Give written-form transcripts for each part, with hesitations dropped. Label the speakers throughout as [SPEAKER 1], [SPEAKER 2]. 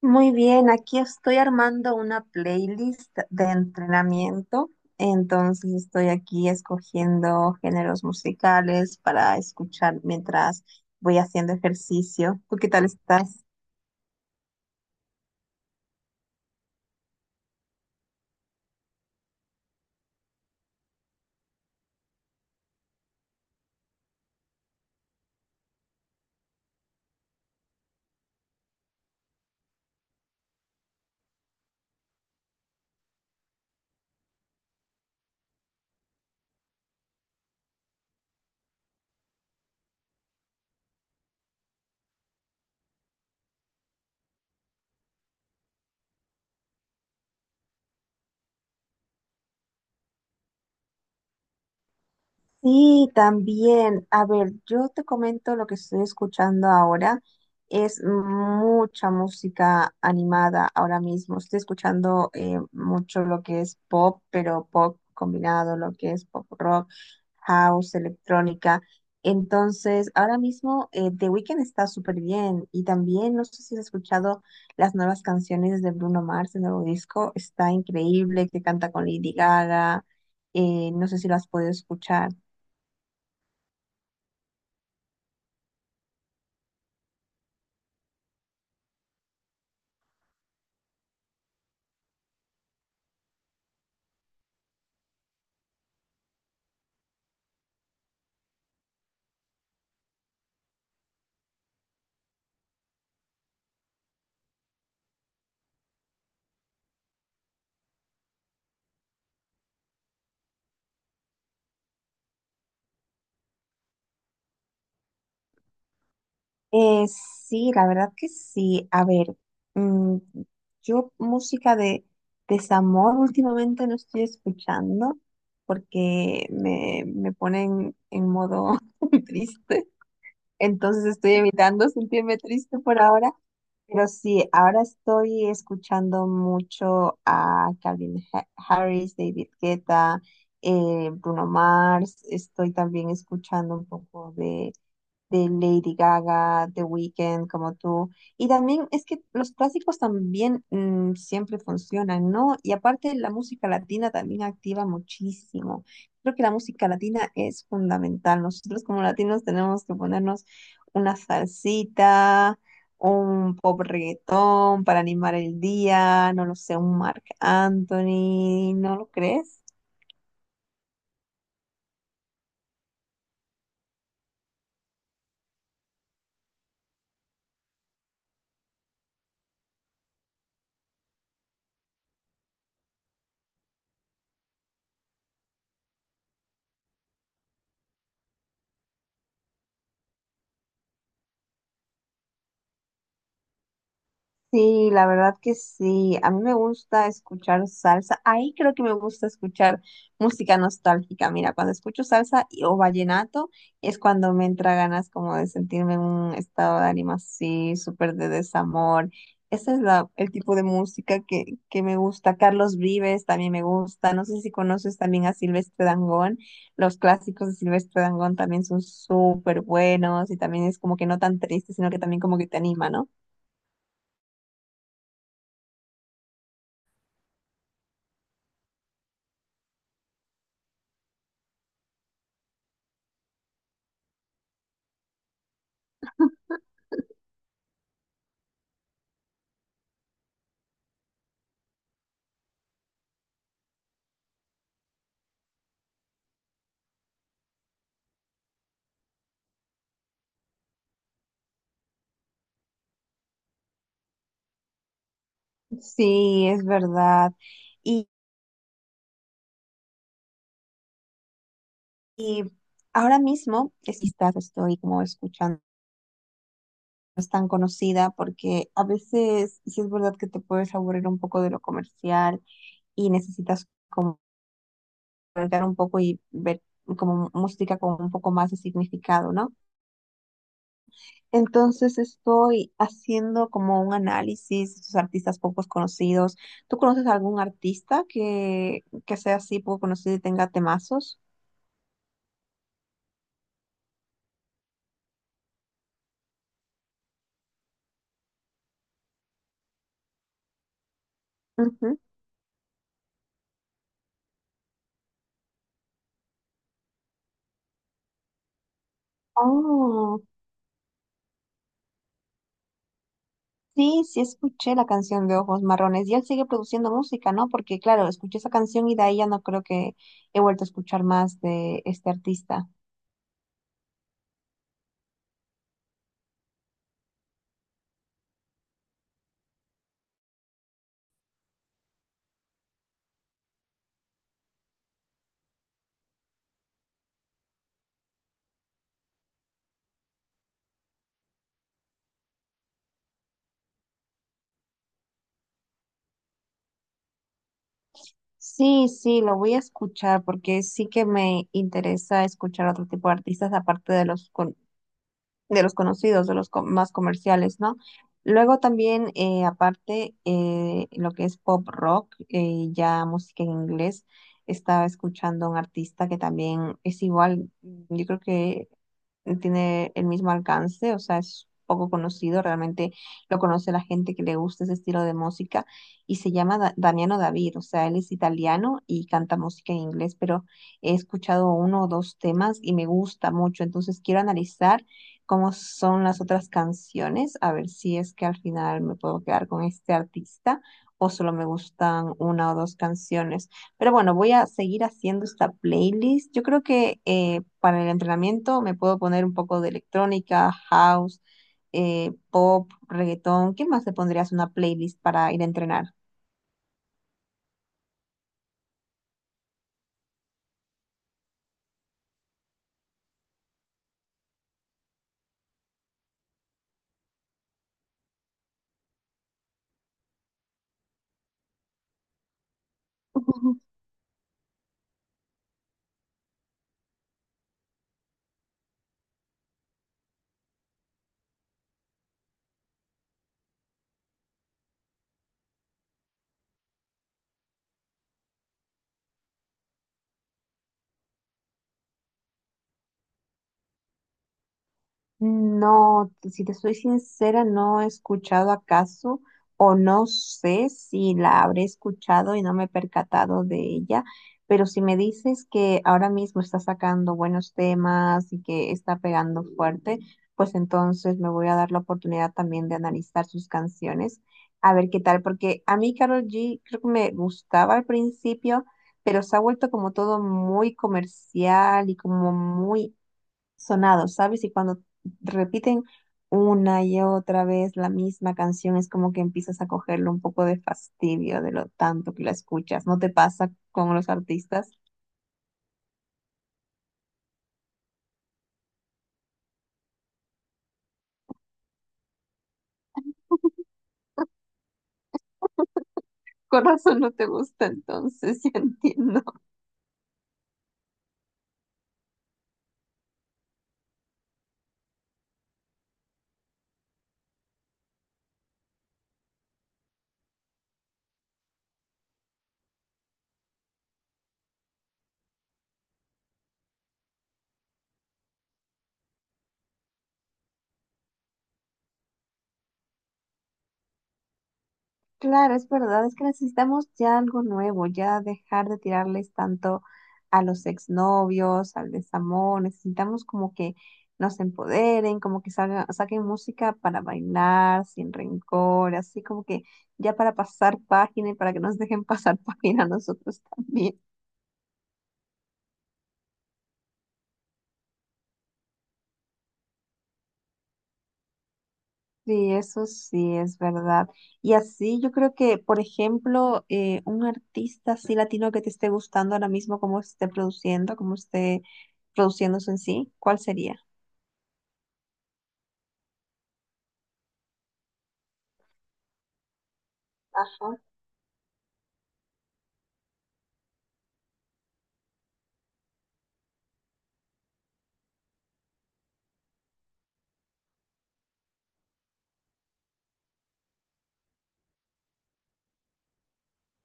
[SPEAKER 1] Muy bien, aquí estoy armando una playlist de entrenamiento, entonces estoy aquí escogiendo géneros musicales para escuchar mientras voy haciendo ejercicio. ¿Tú qué tal estás? Sí, también. A ver, yo te comento lo que estoy escuchando ahora. Es mucha música animada ahora mismo. Estoy escuchando mucho lo que es pop, pero pop combinado, lo que es pop rock, house, electrónica. Entonces, ahora mismo The Weeknd está súper bien. Y también, no sé si has escuchado las nuevas canciones de Bruno Mars, el nuevo disco. Está increíble, que canta con Lady Gaga. No sé si lo has podido escuchar. Sí, la verdad que sí. A ver, mm, yo música de desamor últimamente no estoy escuchando porque me ponen en modo triste. Entonces estoy evitando sentirme triste por ahora. Pero sí, ahora estoy escuchando mucho a Calvin Harris, David Guetta, Bruno Mars. Estoy también escuchando un poco de Lady Gaga, The Weeknd, como tú. Y también es que los clásicos también siempre funcionan, ¿no? Y aparte la música latina también activa muchísimo. Creo que la música latina es fundamental. Nosotros como latinos tenemos que ponernos una salsita, un pop reggaetón para animar el día, no lo sé, un Marc Anthony, ¿no lo crees? Sí, la verdad que sí. A mí me gusta escuchar salsa. Ahí creo que me gusta escuchar música nostálgica. Mira, cuando escucho o vallenato es cuando me entra ganas como de sentirme en un estado de ánimo así, súper de desamor. Ese es el tipo de música que me gusta. Carlos Vives también me gusta. No sé si conoces también a Silvestre Dangond. Los clásicos de Silvestre Dangond también son súper buenos y también es como que no tan triste, sino que también como que te anima, ¿no? Sí, es verdad. Y, y ahora mismo, quizás estoy como escuchando, no es tan conocida porque a veces sí es verdad que te puedes aburrir un poco de lo comercial y necesitas como voltear un poco y ver como música con un poco más de significado, ¿no? Entonces estoy haciendo como un análisis de estos artistas poco conocidos. ¿Tú conoces algún artista que sea así poco conocido y tenga temazos? Ujú. Oh, sí, sí escuché la canción de Ojos Marrones y él sigue produciendo música, ¿no? Porque claro, escuché esa canción y de ahí ya no creo que he vuelto a escuchar más de este artista. Sí, sí, lo voy a escuchar porque sí que me interesa escuchar otro tipo de artistas aparte de de los conocidos, de los más comerciales, ¿no? Luego también, aparte, lo que es pop rock, ya música en inglés, estaba escuchando a un artista que también es igual, yo creo que tiene el mismo alcance, o sea, es poco conocido, realmente lo conoce la gente que le gusta ese estilo de música, y se llama Damiano David, o sea, él es italiano y canta música en inglés, pero he escuchado uno o dos temas y me gusta mucho, entonces quiero analizar cómo son las otras canciones, a ver si es que al final me puedo quedar con este artista o solo me gustan una o dos canciones. Pero bueno, voy a seguir haciendo esta playlist. Yo creo que para el entrenamiento me puedo poner un poco de electrónica, house, pop, reggaetón. ¿Qué más te pondrías una playlist para ir a entrenar? No, si te soy sincera, no he escuchado acaso o no sé si la habré escuchado y no me he percatado de ella, pero si me dices que ahora mismo está sacando buenos temas y que está pegando fuerte, pues entonces me voy a dar la oportunidad también de analizar sus canciones, a ver qué tal, porque a mí Karol G creo que me gustaba al principio, pero se ha vuelto como todo muy comercial y como muy sonados, ¿sabes? Y cuando repiten una y otra vez la misma canción, es como que empiezas a cogerle un poco de fastidio de lo tanto que la escuchas. ¿No te pasa con los artistas? Corazón no te gusta, entonces ya entiendo. Claro, es verdad, es que necesitamos ya algo nuevo, ya dejar de tirarles tanto a los exnovios, al desamor, necesitamos como que nos empoderen, como que saquen música para bailar sin rencor, así como que ya para pasar página y para que nos dejen pasar página a nosotros también. Sí, eso sí es verdad. Y así yo creo que, por ejemplo, un artista así latino que te esté gustando ahora mismo, cómo esté produciendo, cómo esté produciéndose en sí, ¿cuál sería? Ajá.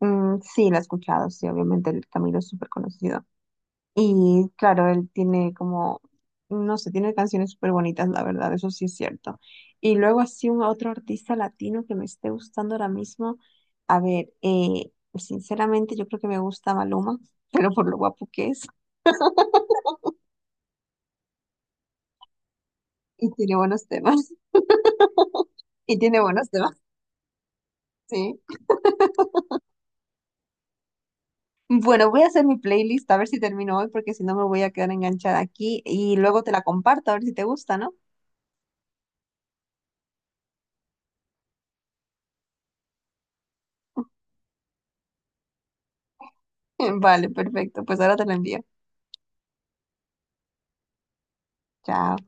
[SPEAKER 1] Mm, sí, la he escuchado, sí, obviamente el Camilo es súper conocido. Y claro, él tiene como, no sé, tiene canciones súper bonitas, la verdad, eso sí es cierto. Y luego así un otro artista latino que me esté gustando ahora mismo. A ver, sinceramente yo creo que me gusta Maluma, pero por lo guapo que es y tiene buenos temas. Y tiene buenos temas, sí. Bueno, voy a hacer mi playlist a ver si termino hoy porque si no me voy a quedar enganchada aquí y luego te la comparto a ver si te gusta, ¿no? Vale, perfecto. Pues ahora te la envío. Chao.